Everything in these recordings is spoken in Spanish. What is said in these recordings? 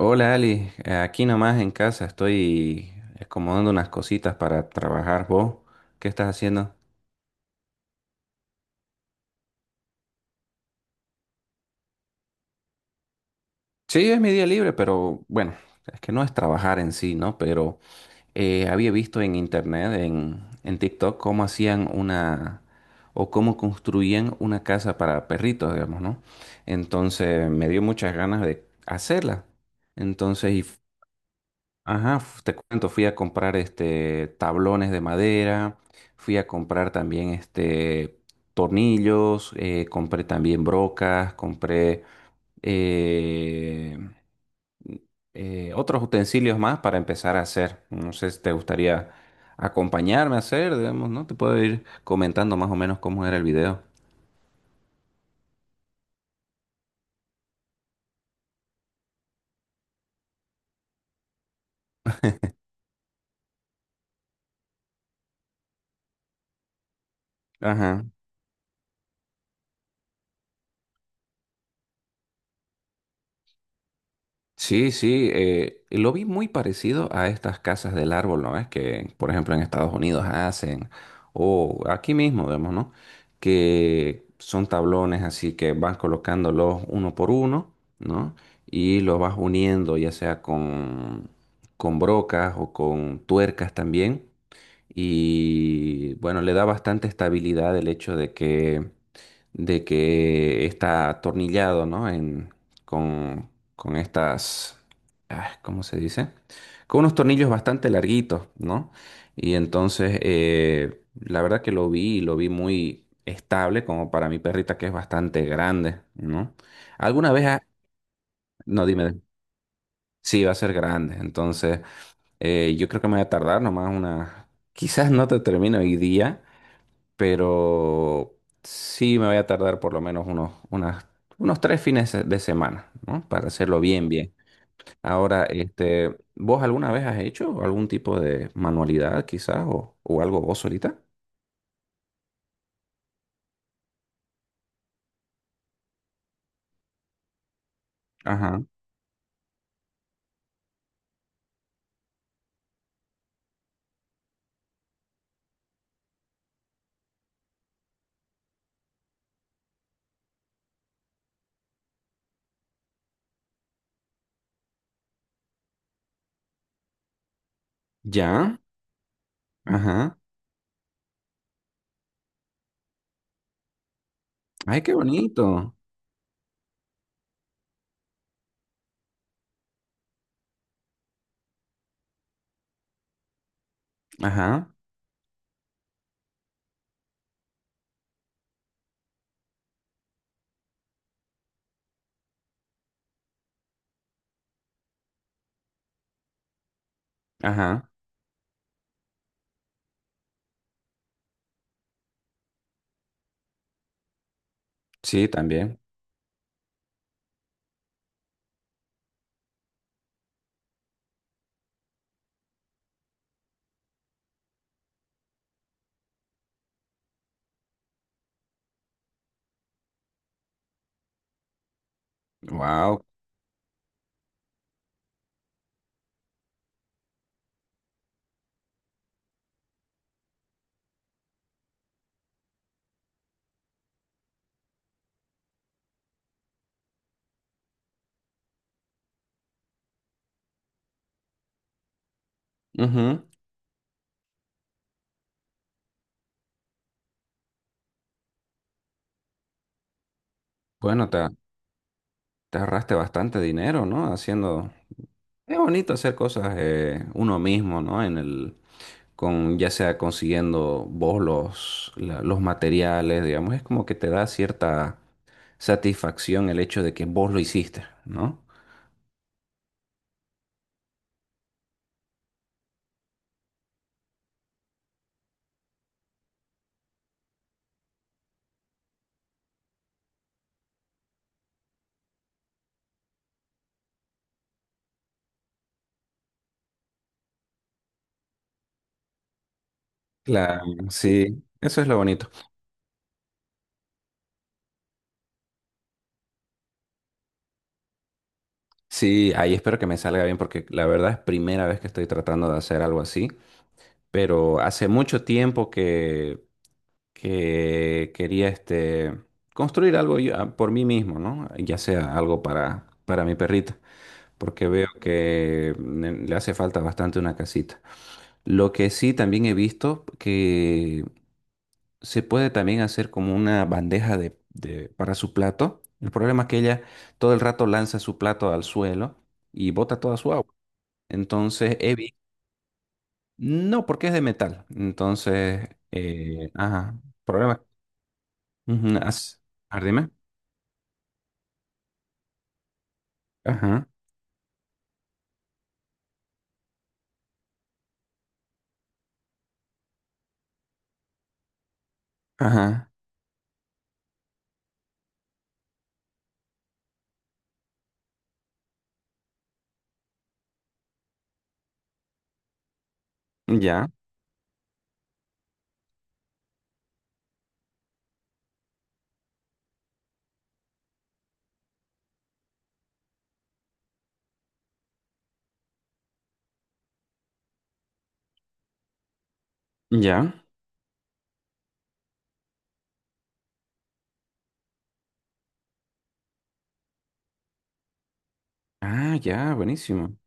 Hola Ali, aquí nomás en casa estoy acomodando unas cositas para trabajar. ¿Vos qué estás haciendo? Sí, es mi día libre, pero bueno, es que no es trabajar en sí, ¿no? Pero había visto en internet, en TikTok, cómo hacían una o cómo construían una casa para perritos, digamos, ¿no? Entonces me dio muchas ganas de hacerla. Entonces, y ajá, te cuento, fui a comprar este tablones de madera, fui a comprar también este tornillos, compré también brocas, compré eh, otros utensilios más para empezar a hacer. No sé si te gustaría acompañarme a hacer, digamos, ¿no? Te puedo ir comentando más o menos cómo era el video. Ajá. Sí, sí, lo vi muy parecido a estas casas del árbol, ¿no? Es que, por ejemplo, en Estados Unidos hacen, o aquí mismo, vemos, ¿no? Que son tablones así que vas colocándolos uno por uno, ¿no? Y los vas uniendo, ya sea con brocas o con tuercas también. Y bueno, le da bastante estabilidad el hecho de que está atornillado, ¿no? En, con, con estas, ah, ¿cómo se dice? Con unos tornillos bastante larguitos, ¿no? Y entonces, la verdad que lo vi, y lo vi muy estable, como para mi perrita que es bastante grande, ¿no? ¿Alguna vez ha- No, dime. Sí, va a ser grande. Entonces, yo creo que me voy a tardar nomás una... Quizás no te termino hoy día, pero sí me voy a tardar por lo menos unos tres fines de semana, ¿no? Para hacerlo bien, bien. Ahora, este, ¿vos alguna vez has hecho algún tipo de manualidad quizás o algo vos solita? Ajá. ¿Ya? Ajá. Ay, qué bonito. Ajá. Ajá. Sí, también. Wow. Bueno, te ahorraste bastante dinero, ¿no? Haciendo... Es bonito hacer cosas uno mismo, ¿no? En el, con ya sea consiguiendo vos los materiales, digamos, es como que te da cierta satisfacción el hecho de que vos lo hiciste, ¿no? Claro, sí, eso es lo bonito. Sí, ahí espero que me salga bien porque la verdad es primera vez que estoy tratando de hacer algo así, pero hace mucho tiempo que quería este, construir algo ah, por mí mismo, ¿no? Ya sea algo para mi perrita, porque veo que mm, le hace falta bastante una casita. Lo que sí también he visto que se puede también hacer como una bandeja para su plato. El problema es que ella todo el rato lanza su plato al suelo y bota toda su agua. Entonces, no, porque es de metal. Entonces, ajá, problema. Ujú, a ver, dime. Ajá, ajá, ya, ya. Ah, ya, buenísimo.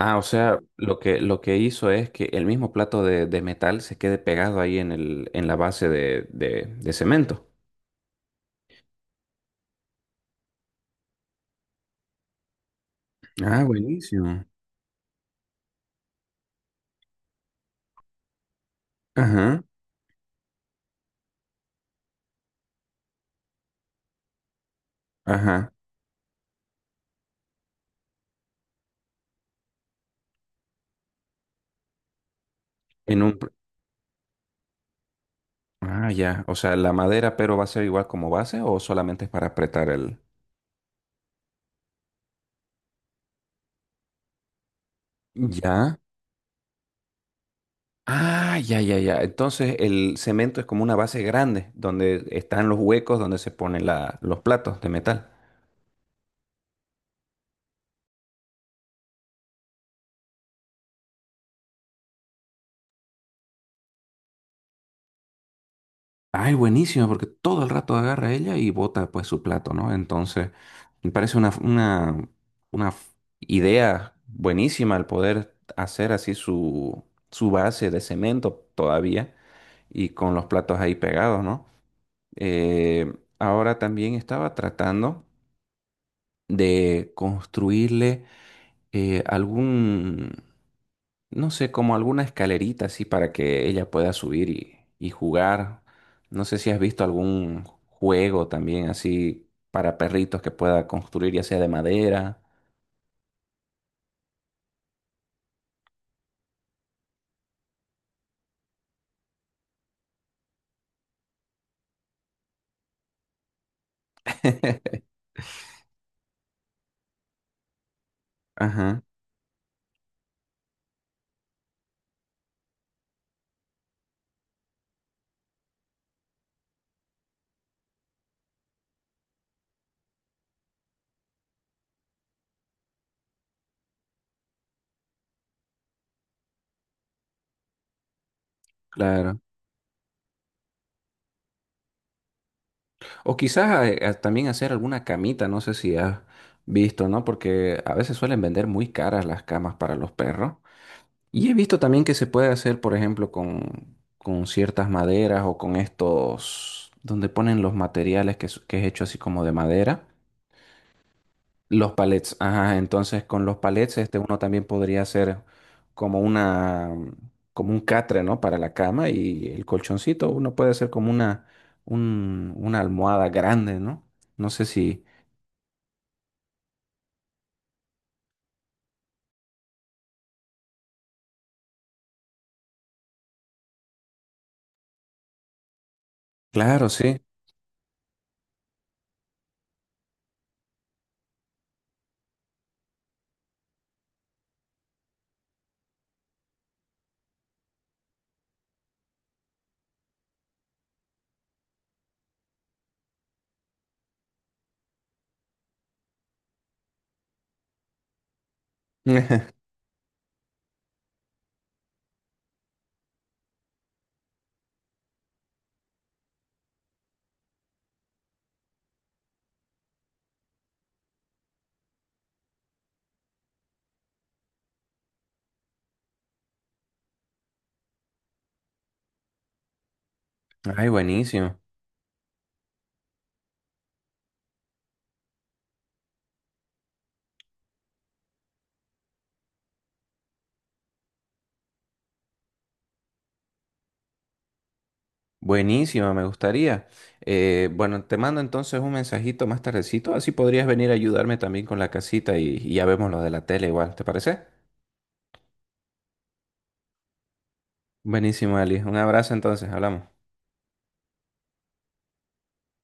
Ah, o sea, lo que hizo es que el mismo plato de metal se quede pegado ahí en el, en la base de cemento. Ah, buenísimo. Ajá, ajá. En un, pr- ah, ya. O sea, la madera, pero va a ser igual como base o solamente es para apretar el. Ya. Ah, ya, ya, ya. Entonces el cemento es como una base grande donde están los huecos donde se ponen los platos de metal. Ay, buenísimo, porque todo el rato agarra ella y bota pues su plato, ¿no? Entonces, me parece una f- idea buenísima el poder hacer así su, su base de cemento todavía y con los platos ahí pegados, ¿no? Eh, ahora también estaba tratando de construirle algún no sé, como alguna escalerita así para que ella pueda subir y jugar. No sé si has visto algún juego también así para perritos que pueda construir, ya sea de madera. Ajá, claro. O quizás también hacer alguna camita, no sé si has visto, ¿no? Porque a veces suelen vender muy caras las camas para los perros. Y he visto también que se puede hacer, por ejemplo, con ciertas maderas o con estos, donde ponen los materiales que es hecho así como de madera. Los palets, ajá, entonces con los palets este uno también podría hacer como una como un catre, ¿no? Para la cama y el colchoncito uno puede hacer como una una almohada grande, ¿no? No sé si, claro, sí. Ay, buenísimo. Buenísimo, me gustaría. Bueno, te mando entonces un mensajito más tardecito, así podrías venir a ayudarme también con la casita y ya vemos lo de la tele igual, ¿te parece? Buenísimo, Ali. Un abrazo entonces, hablamos.